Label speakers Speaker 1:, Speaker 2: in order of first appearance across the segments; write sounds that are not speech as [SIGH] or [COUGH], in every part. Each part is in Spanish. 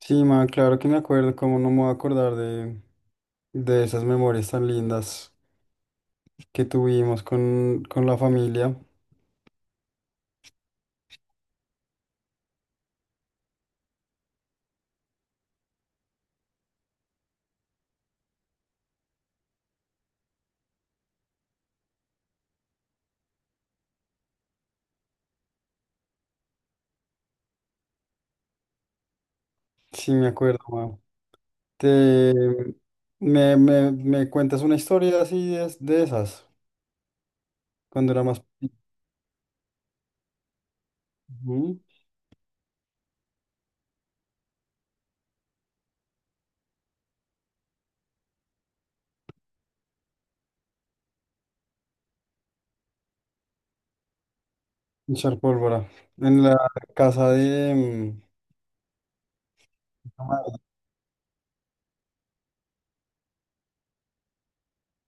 Speaker 1: Sí, man, claro que me acuerdo, cómo no me voy a acordar de esas memorias tan lindas que tuvimos con la familia. Sí, me acuerdo, man. Te, me cuentas una historia así de esas, cuando era más pequeño. Ujú. Echar pólvora. En la casa de.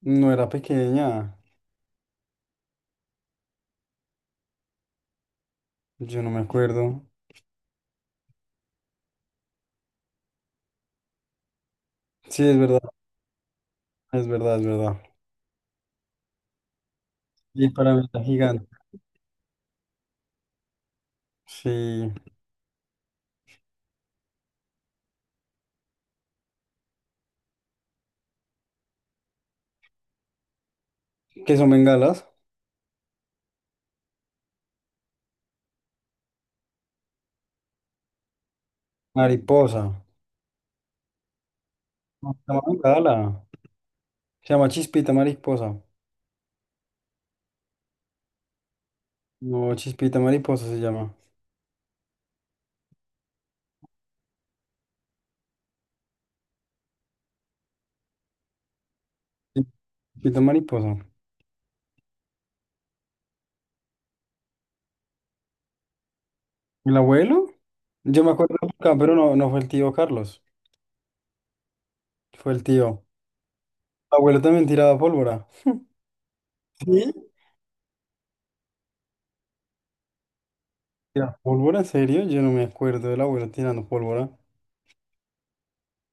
Speaker 1: No era pequeña, yo no me acuerdo. Sí, es verdad, es verdad, es verdad. Y para mí era gigante. Sí, ¿qué son bengalas? Mariposa. No, Tamaranda, ala. Se llama Chispita Mariposa. No, Chispita Mariposa se llama. Sí, Chispita Mariposa. ¿El abuelo? Yo me acuerdo de acá, pero no, no fue el tío Carlos. Fue el tío. El abuelo también tiraba pólvora. ¿Sí? ¿Tiraba pólvora? ¿En serio? Yo no me acuerdo del abuelo tirando pólvora.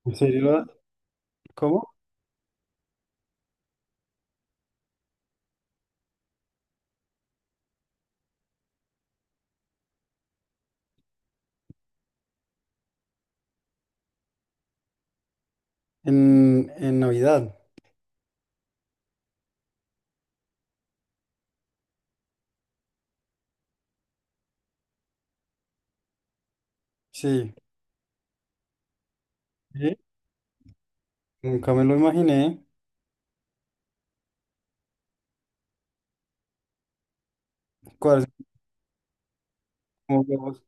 Speaker 1: ¿En serio? ¿Cómo? En Navidad. Sí. ¿Sí? Nunca me lo imaginé. ¿Cuáles como globos?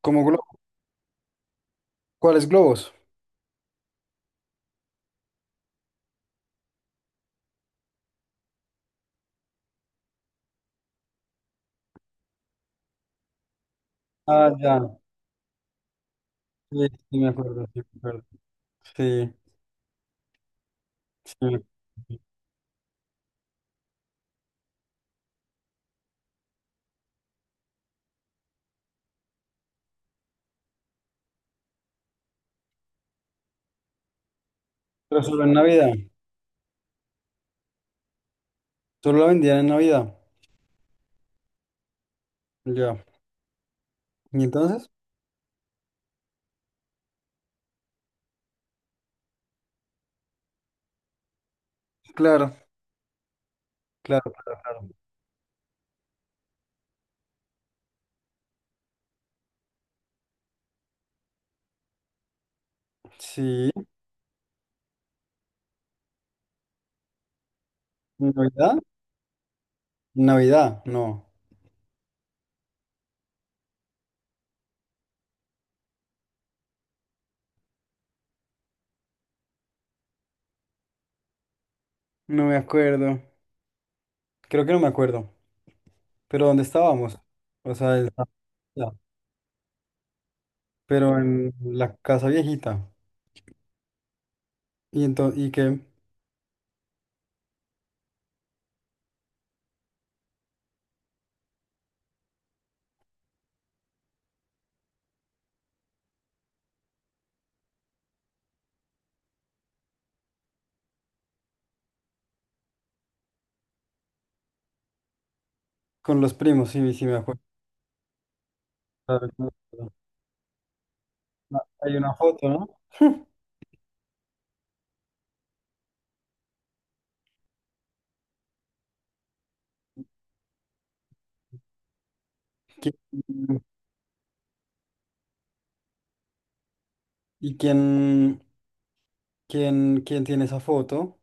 Speaker 1: ¿Cómo globos? ¿Cuáles globos? Ah, ya. Sí, sí me acuerdo, sí me acuerdo. Sí. Sí. Pero solo en Navidad. Solo la vendían en Navidad. Ya. ¿Y entonces? Claro, claro, claro, claro. Sí. ¿En Navidad? Navidad, no. No me acuerdo. Creo que no me acuerdo. Pero ¿dónde estábamos? O sea, ya. Pero en la casa viejita. Y entonces, y que con los primos, sí, sí me acuerdo. Claro, sí me acuerdo. Ah, hay una foto, ¿no? ¿Qui- ¿Y quién tiene esa foto?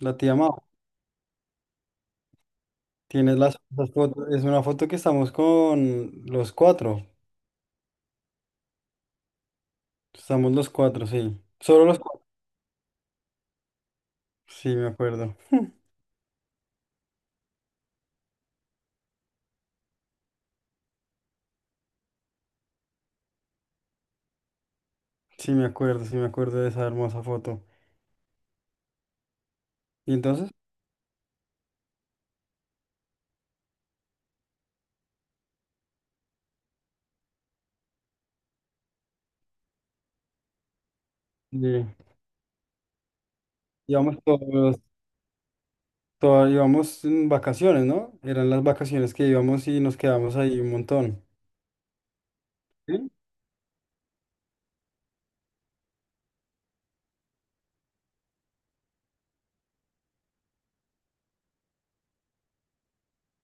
Speaker 1: La tía Mau. Tienes las fotos. Es una foto que estamos con los cuatro. Estamos los cuatro, sí. Solo los cuatro. Sí, me acuerdo. Sí, me acuerdo, sí, me acuerdo de esa hermosa foto. Y entonces, eh, íbamos todos, íbamos en vacaciones, ¿no? Eran las vacaciones que íbamos y nos quedamos ahí un montón. ¿Sí?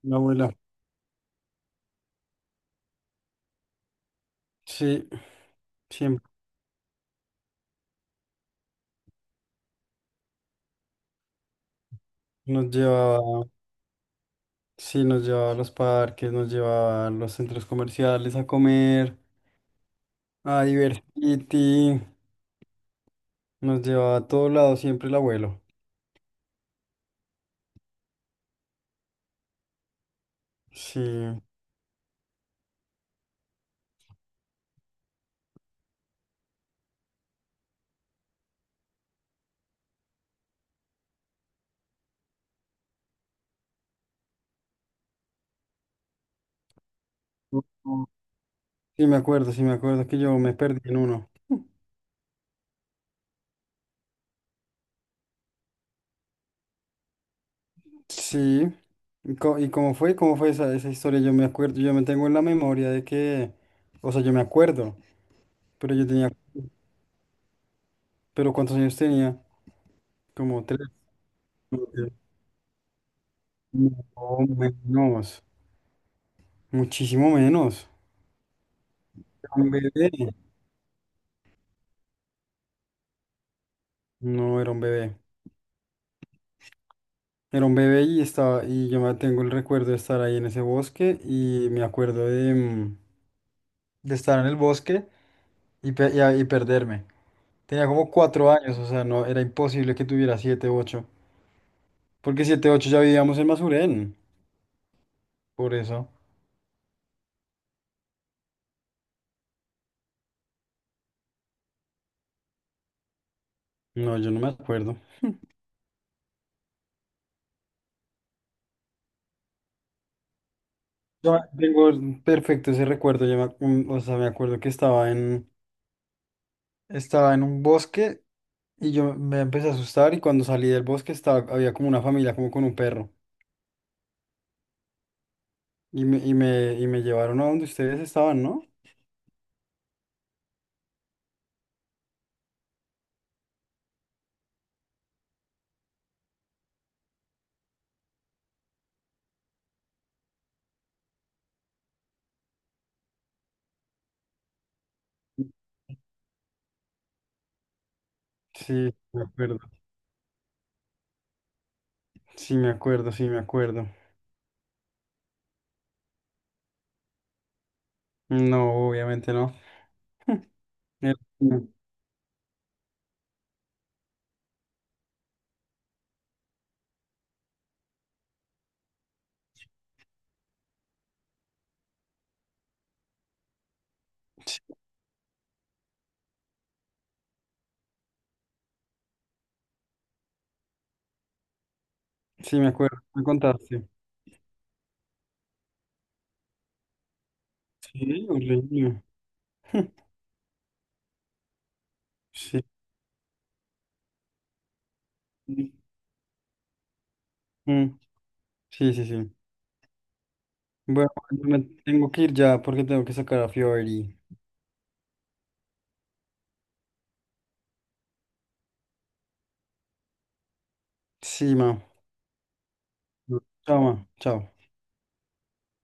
Speaker 1: Mi abuela. Sí, siempre nos llevaba, sí, nos llevaba a los parques, nos llevaba a los centros comerciales a comer, a divertirte. Nos llevaba a todos lados siempre el abuelo. Sí. Ujú. Sí, me acuerdo que yo me perdí en uno. Sí. ¿Y cómo fue? ¿Cómo fue esa historia? Yo me acuerdo, yo me tengo en la memoria de que, o sea, yo me acuerdo, pero yo tenía, pero ¿cuántos años tenía? Como tres. como que- No, menos, muchísimo menos. Era un bebé. No, era un bebé. Era un bebé y estaba, y yo me tengo el recuerdo de estar ahí en ese bosque y me acuerdo de estar en el bosque. Y perderme. Tenía como cuatro años, o sea, no, era imposible que tuviera siete, u ocho. Porque siete, u ocho ya vivíamos en Masuren. Por eso. No, yo no me acuerdo. Yo tengo perfecto ese recuerdo. Yo me, ac- mm, O sea, me acuerdo que estaba en un bosque y yo me empecé a asustar y cuando salí del bosque estaba, había como una familia, como con un perro. Y me llevaron a donde ustedes estaban, ¿no? Sí, me acuerdo. Sí, me acuerdo, sí, me acuerdo. No, obviamente no. [LAUGHS] Eh, no. Sí, me acuerdo, me contaste. Sí, horrible. [LAUGHS] Sí. Mm, sí, sí, sí. Bueno, yo me tengo que ir ya porque tengo que sacar a Fiori. Sí, ma. Chao, ma. Chao.